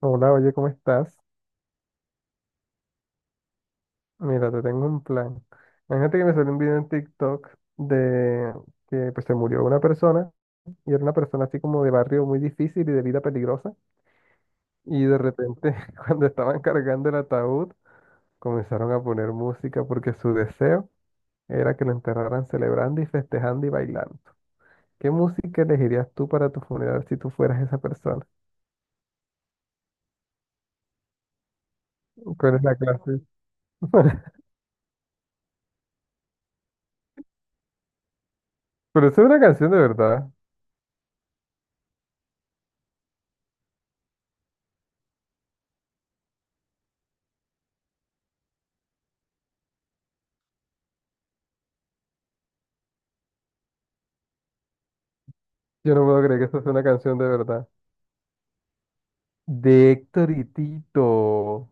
Hola, oye, ¿cómo estás? Mira, te tengo un plan. Imagínate que me salió un video en TikTok de que pues se murió una persona y era una persona así como de barrio muy difícil y de vida peligrosa y de repente cuando estaban cargando el ataúd comenzaron a poner música porque su deseo era que lo enterraran celebrando y festejando y bailando. ¿Qué música elegirías tú para tu funeral si tú fueras esa persona? ¿Cuál es la clase? Pero eso es una canción de verdad. Yo no puedo creer que eso sea una canción de verdad. De Héctor y Tito.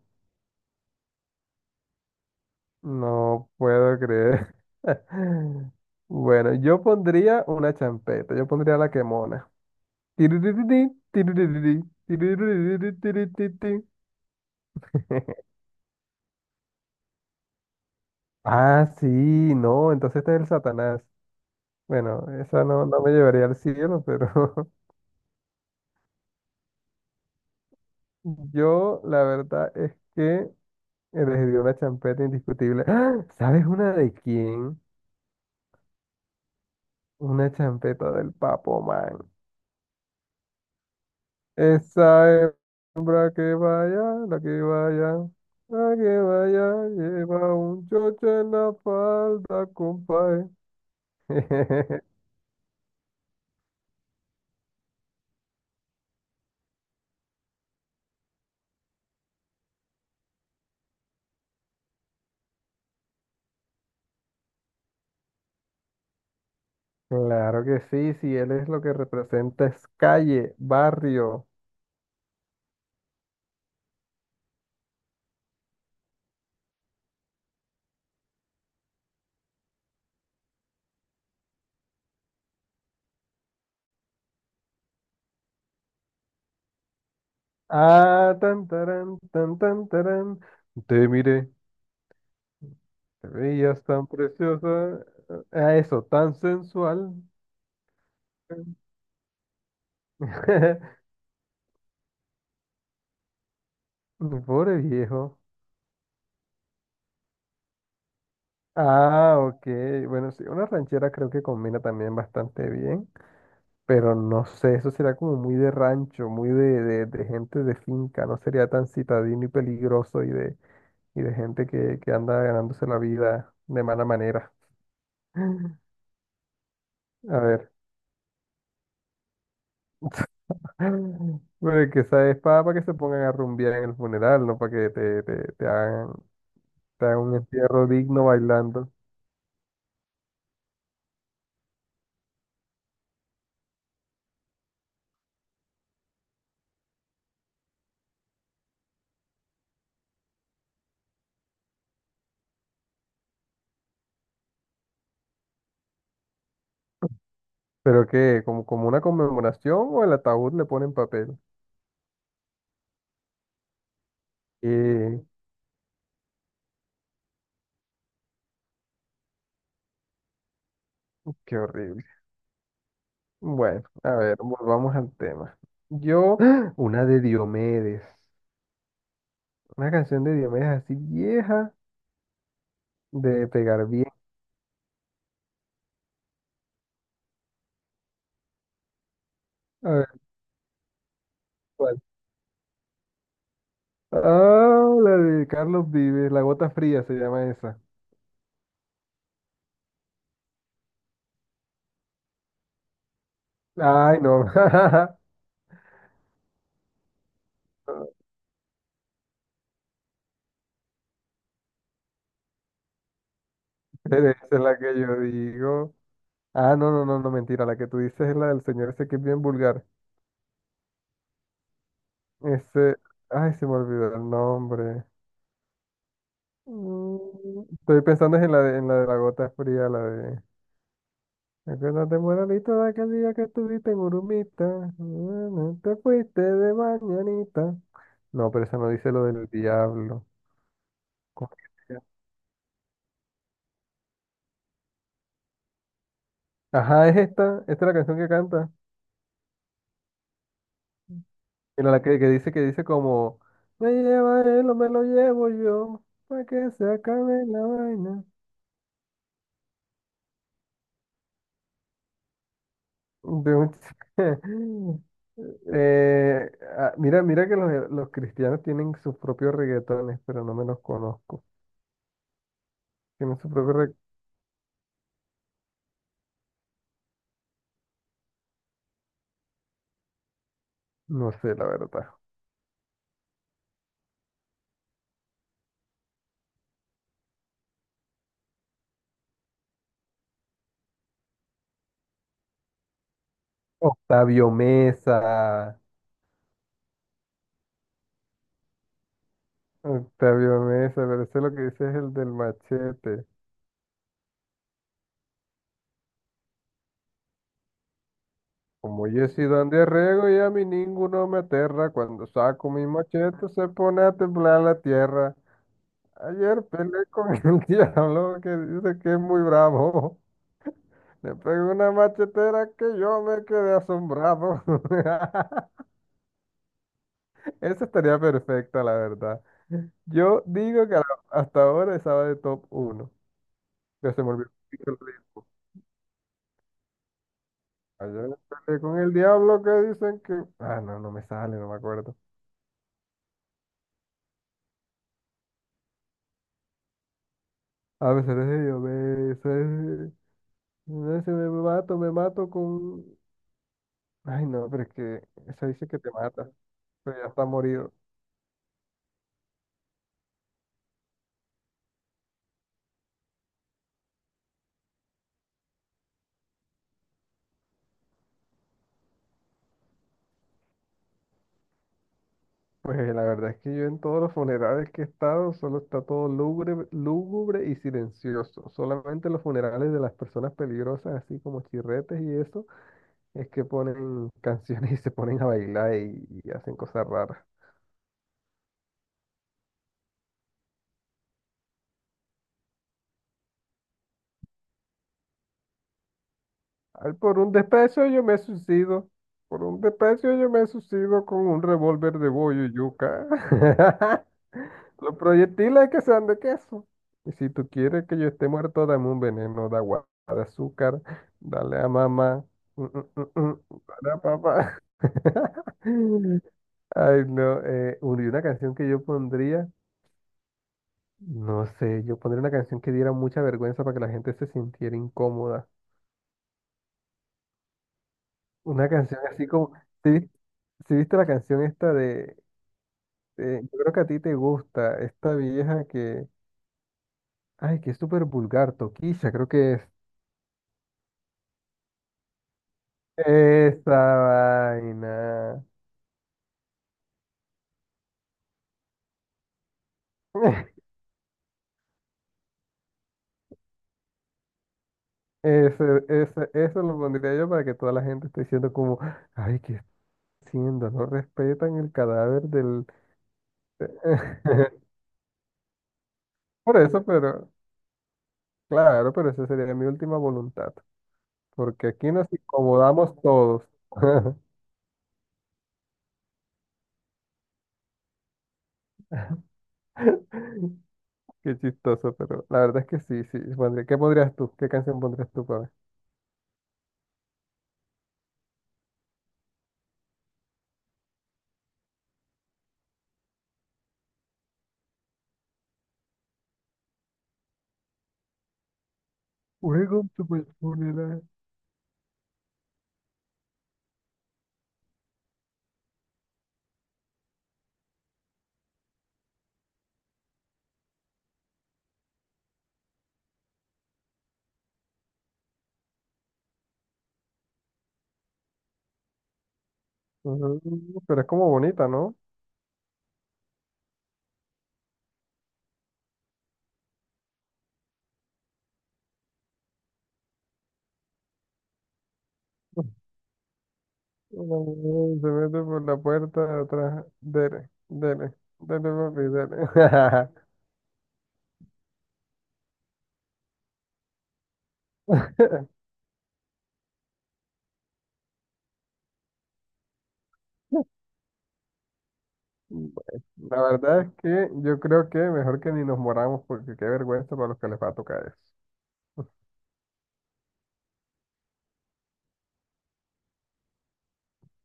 No puedo creer. Bueno, yo pondría una champeta, yo pondría la quemona. Tiririrí, tiririrí, tiririrí, tiriririrí. Ah, sí, no, entonces este es el Satanás. Bueno, esa no, no me llevaría al cielo, pero yo la verdad es que elegiría una champeta indiscutible. ¡Ah! ¿Sabes una de quién? Una champeta del Papo Man. Esa hembra que vaya, la que vaya, la que vaya, lleva un chocho en la falda, compadre. Claro que sí, si él es lo que representa es calle, barrio. Ah, tan tarán, tan tan tarán. Te miré, te veías tan preciosa. A eso, tan sensual. Pobre viejo. Ah, ok. Bueno, sí, una ranchera creo que combina también bastante bien, pero no sé, eso sería como muy de rancho, muy de gente de finca, no sería tan citadino y peligroso y de gente que anda ganándose la vida de mala manera. A ver. Bueno, que esa es para, que se pongan a rumbear en el funeral, no para que te hagan, te hagan un entierro digno bailando. Pero que, como, como una conmemoración o el ataúd le ponen papel. Eh, qué horrible. Bueno, a ver, volvamos al tema. Yo, ¡Ah! Una de Diomedes, una canción de Diomedes así vieja, de pegar bien. A ver, ¿cuál? Ah, la de Carlos Vives, La Gota Fría se llama esa. Ay, no, pero esa es la que yo digo. Ah, no, no, no, no, mentira, la que tú dices es la del señor ese que es bien vulgar. Ese, ay, se me olvidó el nombre. Mm, Estoy pensando es en la de La Gota Fría, la de... Acuérdate, moralito, de aquel día que estuviste en Urumita. Te fuiste de mañanita. No, pero esa no dice lo del diablo. ¿Cómo que se llama? Ajá, es esta. Esta es la canción que canta. Mira la que dice como me lleva él o me lo llevo yo. Para que se acabe la vaina. De un ch- Eh, mira, mira que los cristianos tienen sus propios reggaetones, pero no me los conozco. Tienen su propio reg- No sé, la verdad. Octavio Mesa. Octavio Mesa, pero ese lo que dice es el del machete. Como yo he sido Andy y a mí ninguno me aterra, cuando saco mi machete se pone a temblar la tierra. Ayer peleé con el diablo que dice que es muy bravo. Le pegué una machetera que yo me quedé asombrado. Esa estaría perfecta, la verdad. Yo digo que a la- hasta ahora estaba de top uno, pero se me olvidó el ritmo. Ayer me peleé con el diablo que dicen que... Ah, no, no me sale, no me acuerdo. A veces yo me... se- no sé, me mato con... Ay, no, pero es que se dice que te mata, pero ya está morido. Pues la verdad es que yo en todos los funerales que he estado solo está todo lúgubre, lúgubre y silencioso. Solamente los funerales de las personas peligrosas, así como chirretes y eso, es que ponen canciones y se ponen a bailar y hacen cosas raras. Ay, por un desprecio yo me suicido. Por un desprecio yo me suicido con un revólver de bollo y yuca. Los proyectiles que sean de queso. Y si tú quieres que yo esté muerto, dame un veneno de agua, de azúcar. Dale a mamá. Mm, mm, mm, mm. Dale a papá. Ay, no. Y una canción que yo pondría, no sé, yo pondría una canción que diera mucha vergüenza para que la gente se sintiera incómoda. Una canción así como, ¿sí, sí viste la canción esta de yo creo que a ti te gusta, esta vieja que, ay, que es súper vulgar, Toquilla, creo que es. Esa vaina. ese ese eso lo pondría yo para que toda la gente esté diciendo como, ay, ¿qué está haciendo? No respetan el cadáver del... Por eso, pero, claro, pero esa sería mi última voluntad, porque aquí nos incomodamos todos. Qué chistoso, pero la verdad es que sí, sí. pondría- ¿Qué pondrías tú? ¿Qué canción pondrías tú para ver? Welcome to my funeral. Pero es como bonita, ¿no? Se mete por la puerta de atrás. Dele, dele, dele, papi, dele. La verdad es que yo creo que mejor que ni nos moramos porque qué vergüenza para los que les va a tocar eso.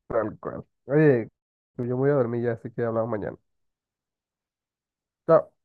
Tal cual. Oye, yo me voy a dormir ya, así que hablamos mañana. Chao.